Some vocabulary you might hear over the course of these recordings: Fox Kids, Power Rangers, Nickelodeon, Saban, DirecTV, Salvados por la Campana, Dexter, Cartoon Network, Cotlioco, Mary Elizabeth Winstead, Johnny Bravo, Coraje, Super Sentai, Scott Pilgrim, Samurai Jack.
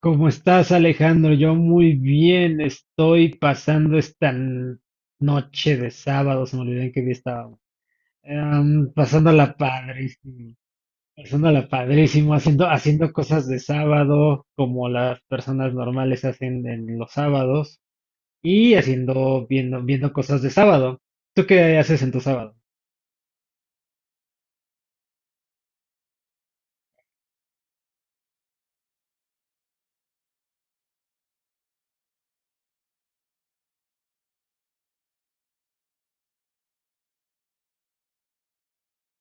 ¿Cómo estás, Alejandro? Yo muy bien, estoy pasando esta noche de sábado. Se me olvidó en qué día estábamos. Pasándola padrísimo, pasándola padrísimo, haciendo cosas de sábado como las personas normales hacen en los sábados y viendo cosas de sábado. ¿Tú qué haces en tu sábado?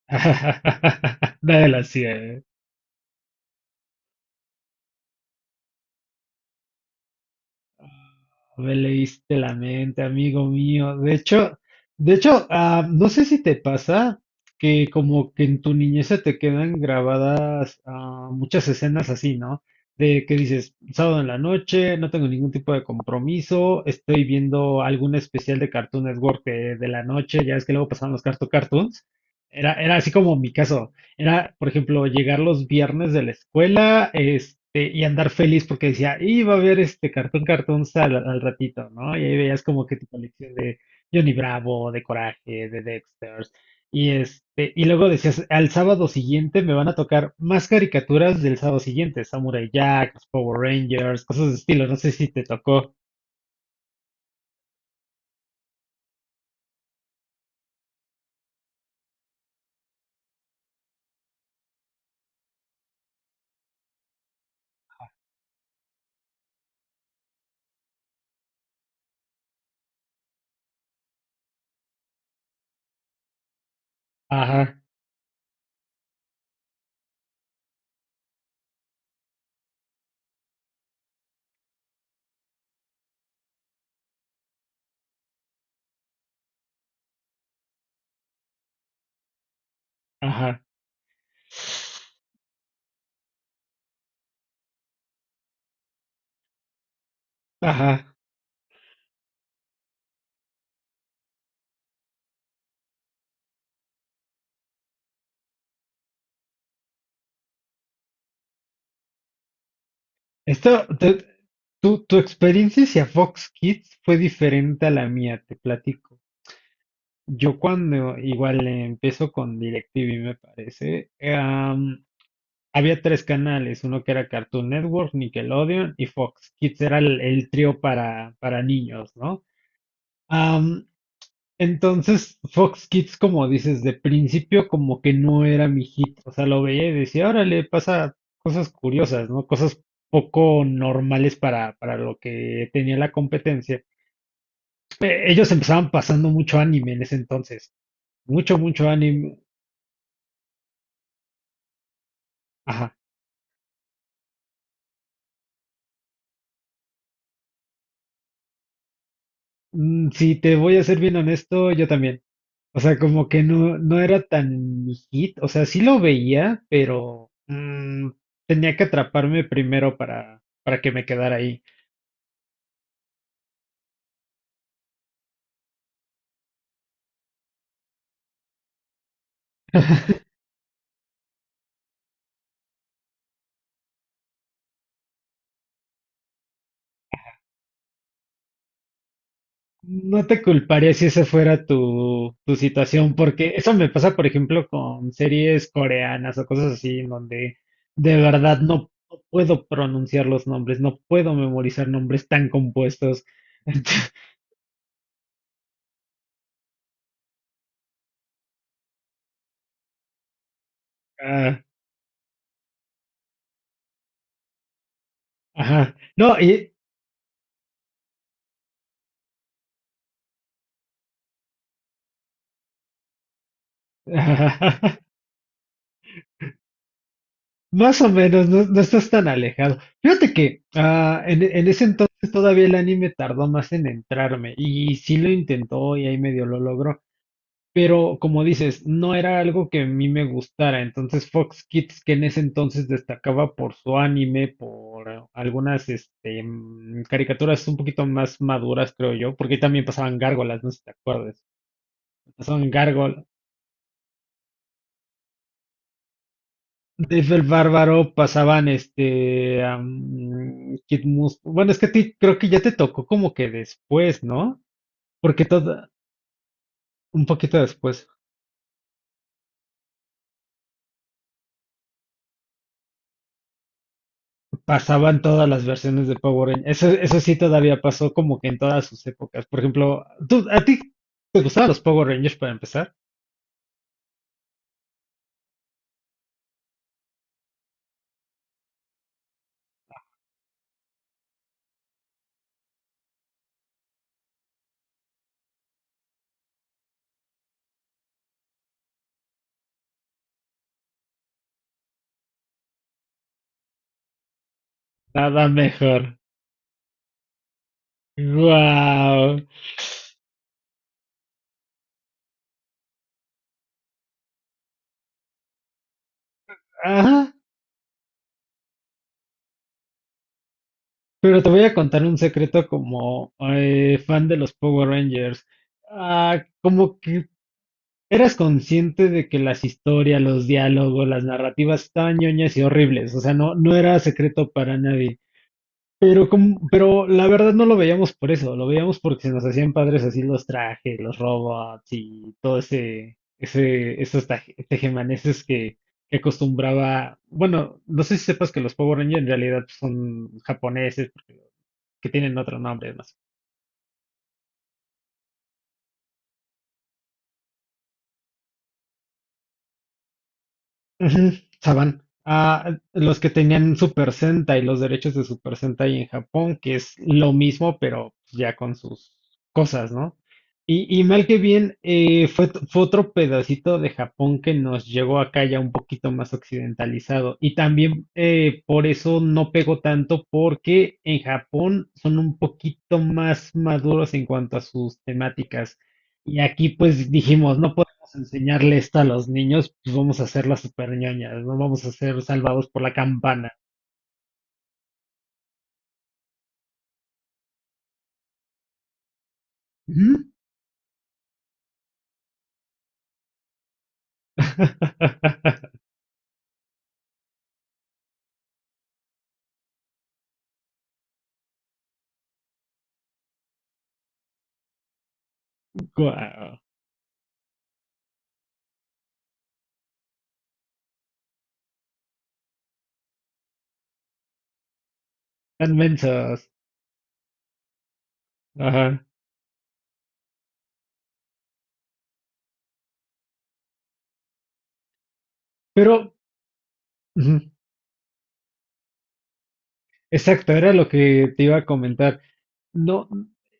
Nadie la hacía. Me leíste la mente, amigo mío. De hecho, de hecho, no sé si te pasa que como que en tu niñez se te quedan grabadas muchas escenas así, ¿no? De que dices, sábado en la noche, no tengo ningún tipo de compromiso, estoy viendo algún especial de Cartoon Network de la noche, ya es que luego pasaban los Cartoon Cartoons. Era así como mi caso. Era, por ejemplo, llegar los viernes de la escuela, y andar feliz porque decía, iba a ver este cartón cartón al ratito, ¿no? Y ahí veías como que tu colección de Johnny Bravo, de Coraje, de Dexter, y y luego decías, al sábado siguiente me van a tocar más caricaturas del sábado siguiente, Samurai Jack, los Power Rangers, cosas de estilo, no sé si te tocó. Ajá, ajá, ajá. Esta, te- Tu, tu experiencia hacia Fox Kids fue diferente a la mía, te platico. Yo cuando igual empiezo con DirecTV, me parece. Había tres canales, uno que era Cartoon Network, Nickelodeon y Fox Kids, era el trío para niños, ¿no? Entonces, Fox Kids, como dices, de principio como que no era mi hit. O sea, lo veía y decía, órale, pasa cosas curiosas, ¿no? Cosas poco normales para lo que tenía la competencia. Ellos empezaban pasando mucho anime en ese entonces, mucho anime. Ajá. Si te voy a ser bien honesto, yo también. O sea, como que no era tan mi hit. O sea, sí lo veía, pero tenía que atraparme primero para que me quedara ahí. No te culparía si esa fuera tu situación, porque eso me pasa, por ejemplo, con series coreanas o cosas así, en donde de verdad no puedo pronunciar los nombres, no puedo memorizar nombres tan compuestos. Ah, ajá. No, y más o menos. No estás tan alejado. Fíjate que en ese entonces todavía el anime tardó más en entrarme, y sí lo intentó y ahí medio lo logró. Pero como dices, no era algo que a mí me gustara. Entonces Fox Kids, que en ese entonces destacaba por su anime, por algunas caricaturas un poquito más maduras, creo yo, porque ahí también pasaban gárgolas, no sé si te acuerdas. Pasaban gárgolas. Dave el Bárbaro, pasaban Kid Mus. Bueno, es que a ti creo que ya te tocó como que después, ¿no? Porque todo, un poquito después. Pasaban todas las versiones de Power Rangers. Eso sí todavía pasó como que en todas sus épocas. Por ejemplo, ¿a ti te gustaban los Power Rangers para empezar? Nada mejor. ¡Guau! Ajá. Pero te voy a contar un secreto como fan de los Power Rangers. Ah, como que eras consciente de que las historias, los diálogos, las narrativas estaban ñoñas y horribles. O sea, no era secreto para nadie. Pero, como, pero la verdad no lo veíamos por eso, lo veíamos porque se nos hacían padres así los trajes, los robots y todo esos tejemanejes que acostumbraba. Bueno, no sé si sepas que los Power Rangers en realidad son japoneses, que tienen otro nombre, no sé. Ujú, Saban. Ah, los que tenían Super Sentai, los derechos de Super Sentai en Japón, que es lo mismo, pero ya con sus cosas, ¿no? Y mal que bien, fue otro pedacito de Japón que nos llegó acá ya un poquito más occidentalizado. Y también por eso no pegó tanto, porque en Japón son un poquito más maduros en cuanto a sus temáticas. Y aquí pues dijimos, no enseñarle esto a los niños, pues vamos a hacer las super ñoñas, no vamos a ser salvados por la campana. Ujú. Guau, tan mensos. Ajá. Pero, ujú, exacto, era lo que te iba a comentar. No,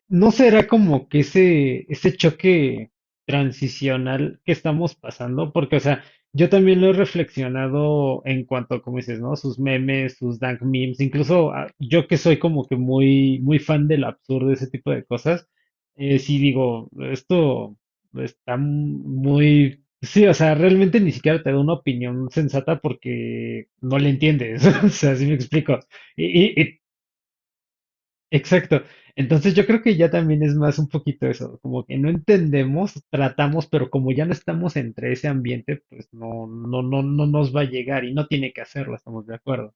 ¿no será como que ese choque transicional que estamos pasando? Porque, o sea, yo también lo he reflexionado en cuanto, como dices, ¿no? Sus memes, sus dank memes, incluso yo que soy como que muy fan del absurdo, ese tipo de cosas, sí digo, esto está muy... Sí, o sea, realmente ni siquiera te da una opinión sensata porque no le entiendes, o sea, si me explico. Y, y- y Exacto. Entonces yo creo que ya también es más un poquito eso, como que no entendemos, tratamos, pero como ya no estamos entre ese ambiente, pues no, no nos va a llegar y no tiene que hacerlo, estamos de acuerdo.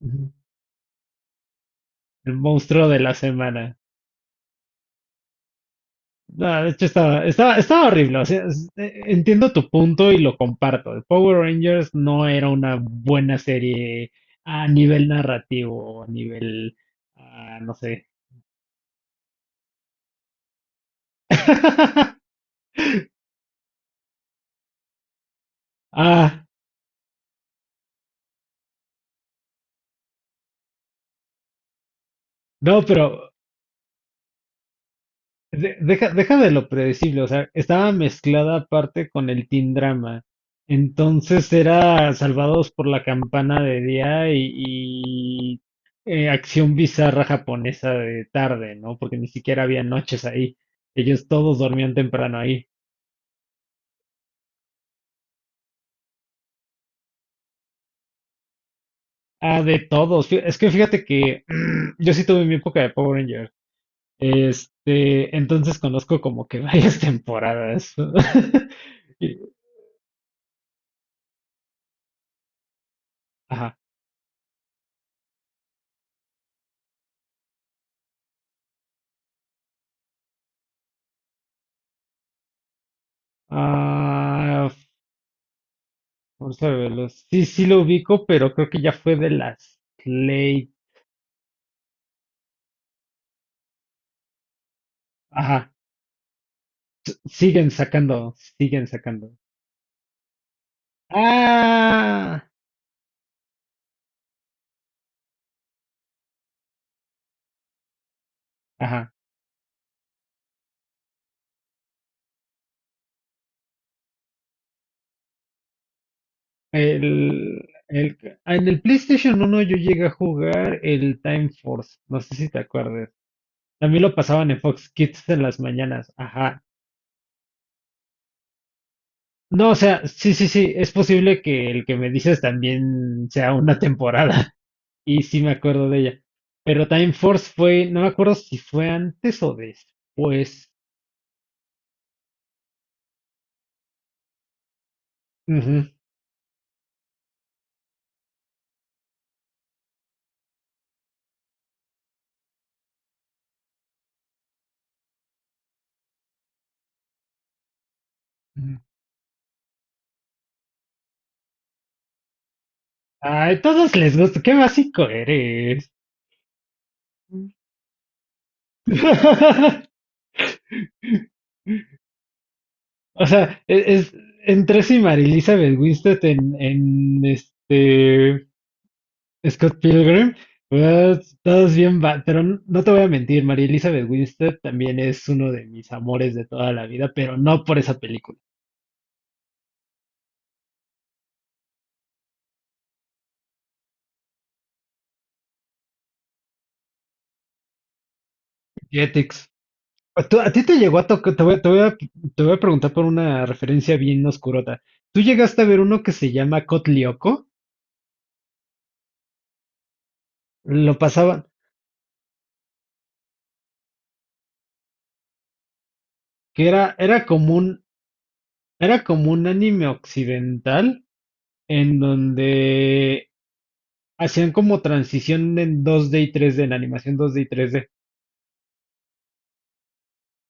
Ujú. El monstruo de la semana. No, de hecho estaba horrible. O sea, entiendo tu punto y lo comparto. The Power Rangers no era una buena serie a nivel narrativo, a nivel, ah, no sé. Ah, no, pero deja, deja de lo predecible, o sea, estaba mezclada aparte con el teen drama. Entonces era Salvados por la Campana de día y acción bizarra japonesa de tarde, ¿no? Porque ni siquiera había noches ahí. Ellos todos dormían temprano ahí. Ah, de todos. Es que fíjate que yo sí tuve mi época de Power Ranger. Entonces conozco como que varias temporadas. Y ajá. Ah, vamos a verlo. Sí, sí lo ubico, pero creo que ya fue de las Play. Ajá. Siguen sacando, siguen sacando. Ah, ajá. El, el, en el PlayStation uno yo llegué a jugar el Time Force. No sé si te acuerdas. También lo pasaban en Fox Kids en las mañanas. Ajá. No, o sea, sí, sí, sí. Es posible que el que me dices también sea una temporada. Y sí me acuerdo de ella. Pero Time Force fue, no me acuerdo si fue antes o después. Ujú. Ay, todos les gusta, qué básico eres. O sea, es, entre sí Mary Elizabeth Winstead en este Scott Pilgrim, pues, todos bien, pero no te voy a mentir, Mary Elizabeth Winstead también es uno de mis amores de toda la vida, pero no por esa película. Pues ¿a ti te llegó a tocar? Te voy a preguntar por una referencia bien oscurota. ¿Tú llegaste a ver uno que se llama Cotlioco? Lo pasaban, que era como un anime occidental en donde hacían como transición en 2D y 3D, en animación 2D y 3D.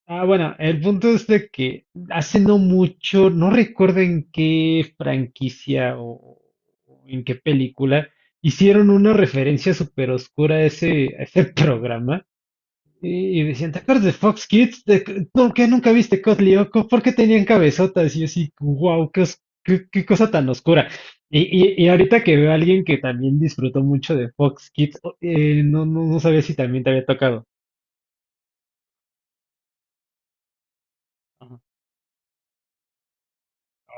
Ah, bueno, el punto es de que hace no mucho, no recuerdo en qué franquicia o en qué película, hicieron una referencia súper oscura a a ese programa. Y decían, ¿te acuerdas de Fox Kids? ¿De que- ¿Por qué nunca viste Cotli Oco? ¿Por qué tenían cabezotas? Y yo así, wow, qué, qué cosa tan oscura. Y, y ahorita que veo a alguien que también disfrutó mucho de Fox Kids, no sabía si también te había tocado.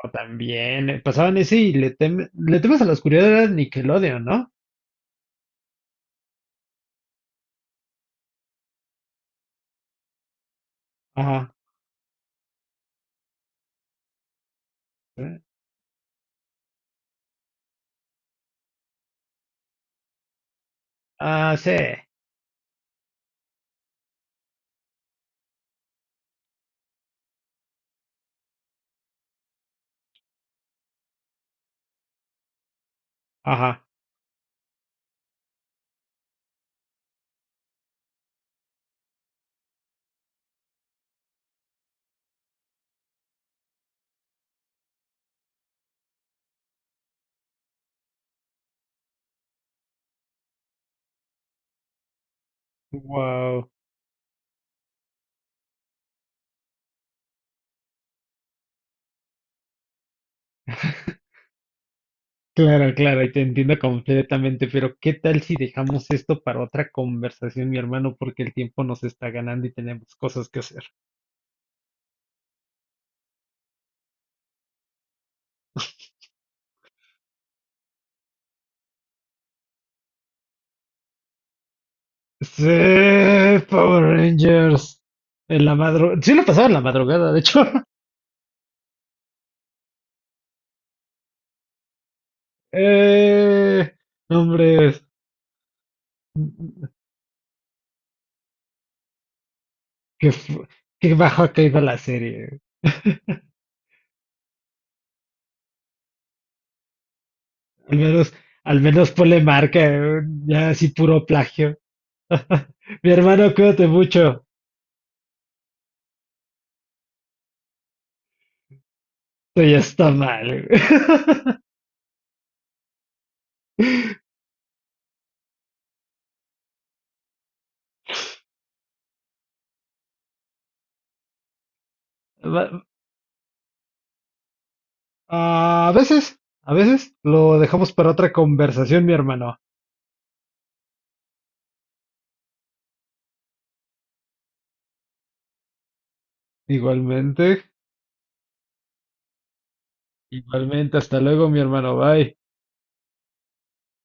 O también pasaban ese le temes a la oscuridad era Nickelodeon, ¿no? Ajá. ¿Eh? Ah, sí. Ajá. Wow. Claro, claro, y te entiendo completamente, pero ¿qué tal si dejamos esto para otra conversación, mi hermano? Porque el tiempo nos está ganando y tenemos cosas que hacer. Sí, Power Rangers. En la madrugada. Sí, lo pasaba en la madrugada, de hecho. Eh, hombres, que, fu- que bajo ha caído la serie. Al menos, al menos ponle marca, ya así puro plagio. Mi hermano, cuídate mucho. Esto ya está mal. Va, a veces, a veces lo dejamos para otra conversación, mi hermano. Igualmente, igualmente, hasta luego, mi hermano. Bye.